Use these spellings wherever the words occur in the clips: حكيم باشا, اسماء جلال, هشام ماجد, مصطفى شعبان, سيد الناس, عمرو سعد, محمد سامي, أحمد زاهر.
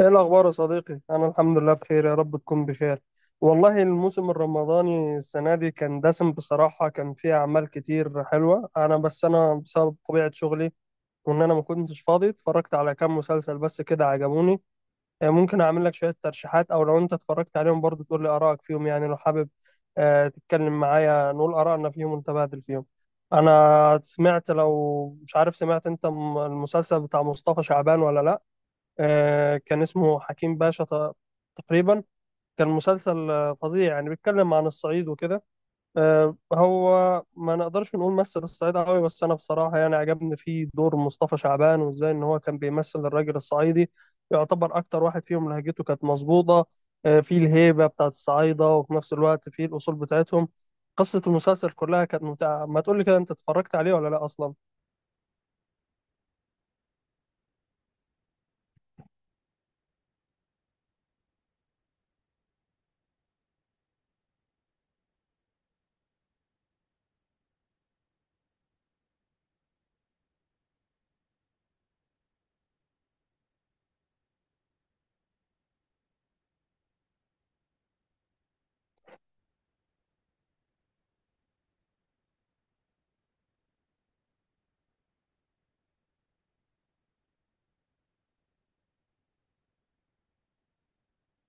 ايه الاخبار يا صديقي؟ انا الحمد لله بخير، يا رب تكون بخير. والله الموسم الرمضاني السنه دي كان دسم بصراحه، كان فيه اعمال كتير حلوه. انا بس انا بسبب طبيعه شغلي وان انا ما كنتش فاضي، اتفرجت على كام مسلسل بس كده عجبوني. ممكن اعمل لك شويه ترشيحات، او لو انت اتفرجت عليهم برضو تقول لي ارائك فيهم، يعني لو حابب تتكلم معايا نقول ارائنا فيهم ونتبادل فيهم. انا سمعت، لو مش عارف، سمعت انت المسلسل بتاع مصطفى شعبان ولا لا؟ كان اسمه حكيم باشا تقريبا. كان مسلسل فظيع، يعني بيتكلم عن الصعيد وكده. هو ما نقدرش نقول مثل الصعيد قوي، بس انا بصراحة يعني عجبني فيه دور مصطفى شعبان، وازاي ان هو كان بيمثل الراجل الصعيدي، يعتبر اكتر واحد فيهم لهجته كانت مظبوطة. فيه الهيبة بتاعت الصعايدة، وفي نفس الوقت فيه الاصول بتاعتهم. قصة المسلسل كلها كانت ممتعة. ما تقولي كده، انت اتفرجت عليه ولا لا اصلا؟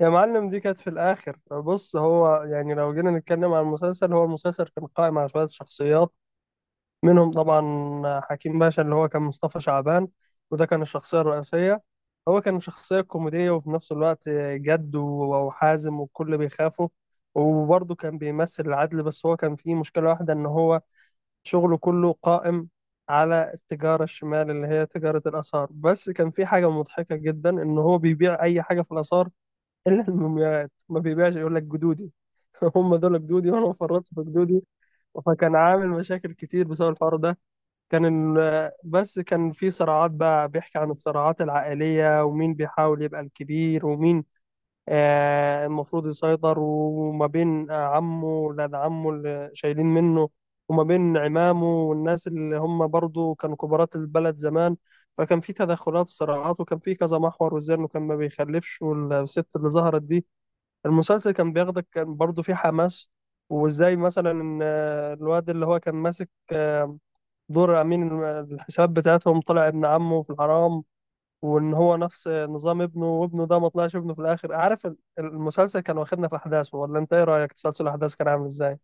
يا معلم، دي كانت في الآخر. بص هو، يعني لو جينا نتكلم عن المسلسل، هو المسلسل كان قائم على شوية شخصيات، منهم طبعا حكيم باشا اللي هو كان مصطفى شعبان، وده كان الشخصية الرئيسية. هو كان شخصية كوميدية، وفي نفس الوقت جد وحازم والكل بيخافه، وبرضه كان بيمثل العدل. بس هو كان فيه مشكلة واحدة، إن هو شغله كله قائم على التجارة الشمال، اللي هي تجارة الآثار. بس كان في حاجة مضحكة جدا، إن هو بيبيع أي حاجة في الآثار الا المومياوات ما بيبيعش، يقول لك جدودي هم دول جدودي، وانا ما فرطت في جدودي. فكان عامل مشاكل كتير بسبب الحوار ده. كان بس كان في صراعات بقى، بيحكي عن الصراعات العائلية، ومين بيحاول يبقى الكبير، ومين المفروض يسيطر، وما بين عمه ولاد عمه اللي شايلين منه، وما بين عمامه والناس اللي هم برضو كانوا كبارات البلد زمان. فكان في تدخلات وصراعات، وكان في كذا محور، والزن، وكان ما بيخلفش، والست اللي ظهرت دي. المسلسل كان بياخدك، كان برضه فيه حماس. وازاي مثلا ان الواد اللي هو كان ماسك دور امين الحسابات بتاعتهم، طلع ابن عمه في الحرام، وان هو نفس نظام ابنه، وابنه ده ما طلعش ابنه في الاخر. عارف المسلسل كان واخدنا في احداثه ولا انت ايه رايك؟ تسلسل الاحداث كان عامل ازاي؟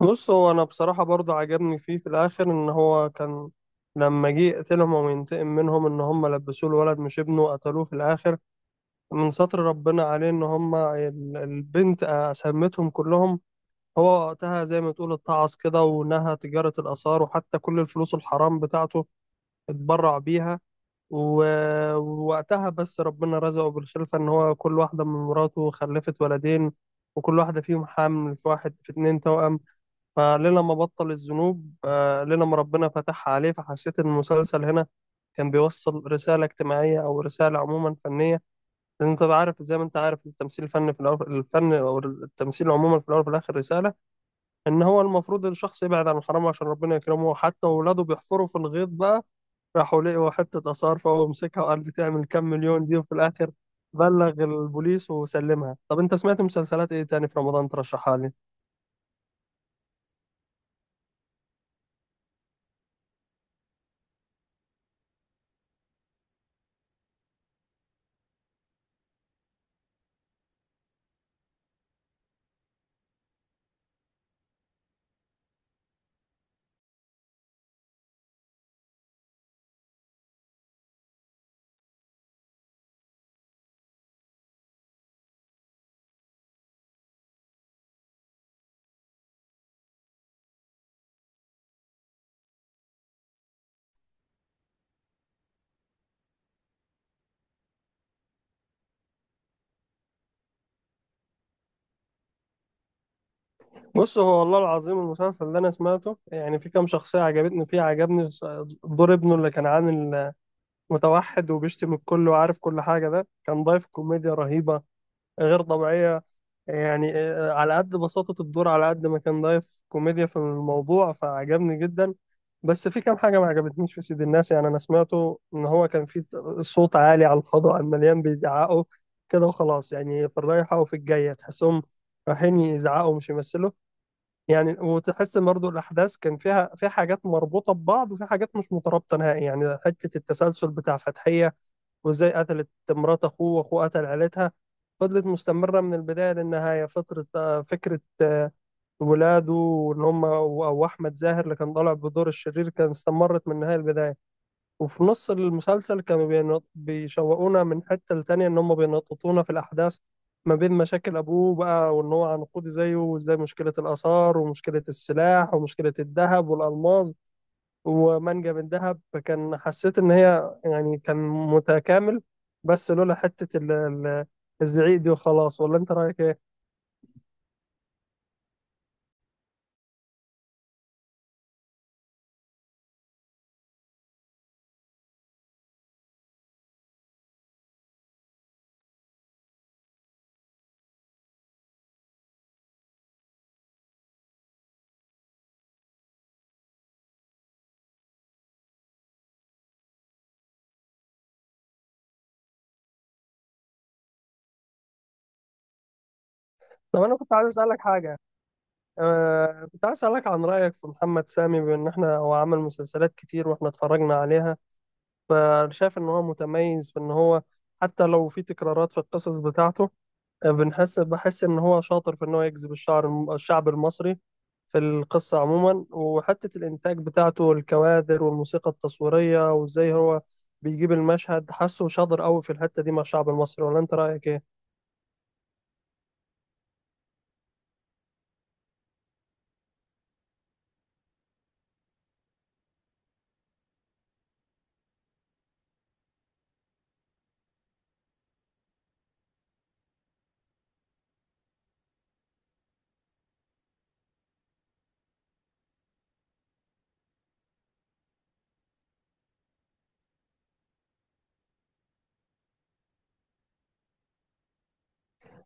بص هو انا بصراحه برضه عجبني فيه في الاخر ان هو كان لما جه يقتلهم وينتقم منهم، ان هم لبسوه الولد مش ابنه، قتلوه في الاخر. من ستر ربنا عليه، ان هم البنت سمتهم كلهم. هو وقتها زي ما تقول اتعظ كده، ونهى تجارة الآثار، وحتى كل الفلوس الحرام بتاعته اتبرع بيها. ووقتها بس ربنا رزقه بالخلفة، ان هو كل واحدة من مراته خلفت ولدين، وكل واحدة فيهم حامل في واحد، في اتنين توأم. فليلة ما بطل الذنوب، ليلة ما ربنا فتحها عليه. فحسيت ان المسلسل هنا كان بيوصل رسالة اجتماعية، أو رسالة عموما فنية، لأن أنت بقى عارف زي ما أنت عارف، التمثيل الفني في الأول، الفن أو التمثيل عموما في الأول وفي الآخر رسالة، إن هو المفروض الشخص يبعد عن الحرام عشان ربنا يكرمه. حتى ولاده بيحفروا في الغيط بقى، راحوا لقوا حتة آثار، فهو مسكها وقال دي تعمل كام مليون دي، وفي الآخر بلغ البوليس وسلمها. طب أنت سمعت مسلسلات إيه تاني في رمضان ترشحها لي؟ بص هو والله العظيم المسلسل اللي أنا سمعته يعني في كام شخصية عجبتني فيه. عجبني دور ابنه اللي كان عامل متوحد وبيشتم الكل وعارف كل حاجة، ده كان ضايف كوميديا رهيبة غير طبيعية. يعني على قد بساطة الدور، على قد ما كان ضايف كوميديا في الموضوع، فعجبني جدا. بس في كام حاجة ما عجبتنيش في سيد الناس، يعني أنا سمعته إن هو كان في صوت عالي على الفضاء، المليان بيزعقوا كده وخلاص، يعني في الرايحة وفي الجاية تحسهم رايحين يزعقوا مش يمثلوا يعني. وتحس إن برضه الأحداث كان فيها في حاجات مربوطة ببعض، وفي حاجات مش مترابطة نهائي. يعني حتة التسلسل بتاع فتحية، وازاي قتلت مرات اخوه، واخوه قتل عيلتها، فضلت مستمرة من البداية للنهاية. فترة فكرة ولاده وإن هم أو أحمد زاهر اللي كان طالع بدور الشرير، كان استمرت من النهاية للبداية. وفي نص المسلسل كانوا بيشوقونا من حتة لتانية، إن هم بينططونا في الأحداث ما بين مشاكل أبوه بقى، وإن هو عنقودي زيه، وإزاي مشكلة الآثار، ومشكلة السلاح، ومشكلة الذهب والألماس، ومانجا من دهب. فكان حسيت ان هي يعني كان متكامل، بس لولا حته الزعيق دي وخلاص. ولا انت رايك ايه؟ طب انا كنت عايز اسالك حاجه. كنت عايز اسالك عن رايك في محمد سامي. بان احنا هو عمل مسلسلات كتير واحنا اتفرجنا عليها، فشايف ان هو متميز في ان هو حتى لو في تكرارات في القصص بتاعته، بحس ان هو شاطر في ان هو يجذب الشعب المصري في القصة عموما. وحتة الانتاج بتاعته، الكوادر والموسيقى التصويرية، وازاي هو بيجيب المشهد، حاسه شاطر قوي في الحتة دي مع الشعب المصري. ولا انت رأيك ايه؟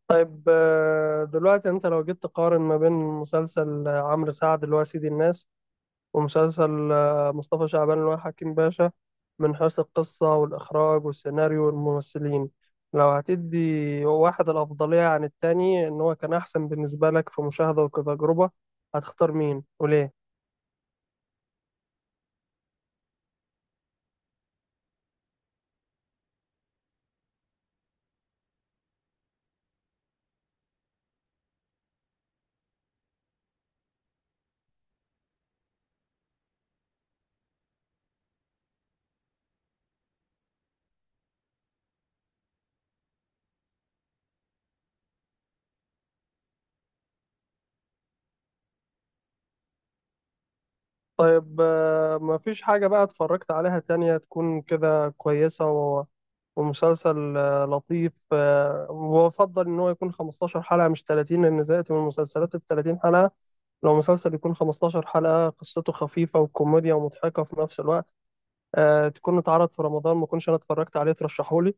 طيب، دلوقتي انت لو جيت تقارن ما بين مسلسل عمرو سعد اللي هو سيدي الناس، ومسلسل مصطفى شعبان اللي هو حكيم باشا، من حيث القصة والإخراج والسيناريو والممثلين، لو هتدي واحد الأفضلية عن التاني، إن هو كان أحسن بالنسبة لك في مشاهدة وكتجربة، هتختار مين وليه؟ طيب، مفيش حاجة بقى اتفرجت عليها تانية تكون كده كويسة ومسلسل لطيف وأفضل إن هو يكون 15 حلقة مش 30، لأن زهقت من المسلسلات ال 30 حلقة. لو مسلسل يكون 15 حلقة قصته خفيفة وكوميديا ومضحكة في نفس الوقت، تكون اتعرض في رمضان، ما كنتش انا اتفرجت عليه، ترشحولي.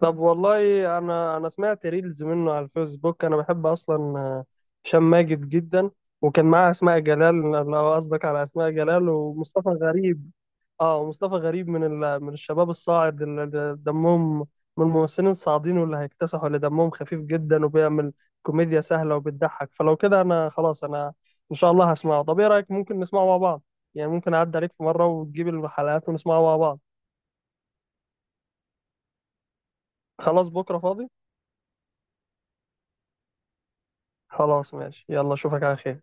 طب والله، انا سمعت ريلز منه على الفيسبوك. انا بحب اصلا هشام ماجد جدا، وكان معاه اسماء جلال، لو قصدك على اسماء جلال ومصطفى غريب. اه، ومصطفى غريب من من الشباب الصاعد اللي دمهم من الممثلين الصاعدين واللي هيكتسحوا، اللي دمهم خفيف جدا وبيعمل كوميديا سهلة وبتضحك. فلو كده انا خلاص، انا ان شاء الله هسمعه. طب ايه رأيك ممكن نسمعه مع بعض؟ يعني ممكن اعدي عليك في مرة وتجيب الحلقات ونسمعه مع بعض. خلاص بكرة فاضي. خلاص ماشي، يلا اشوفك على خير.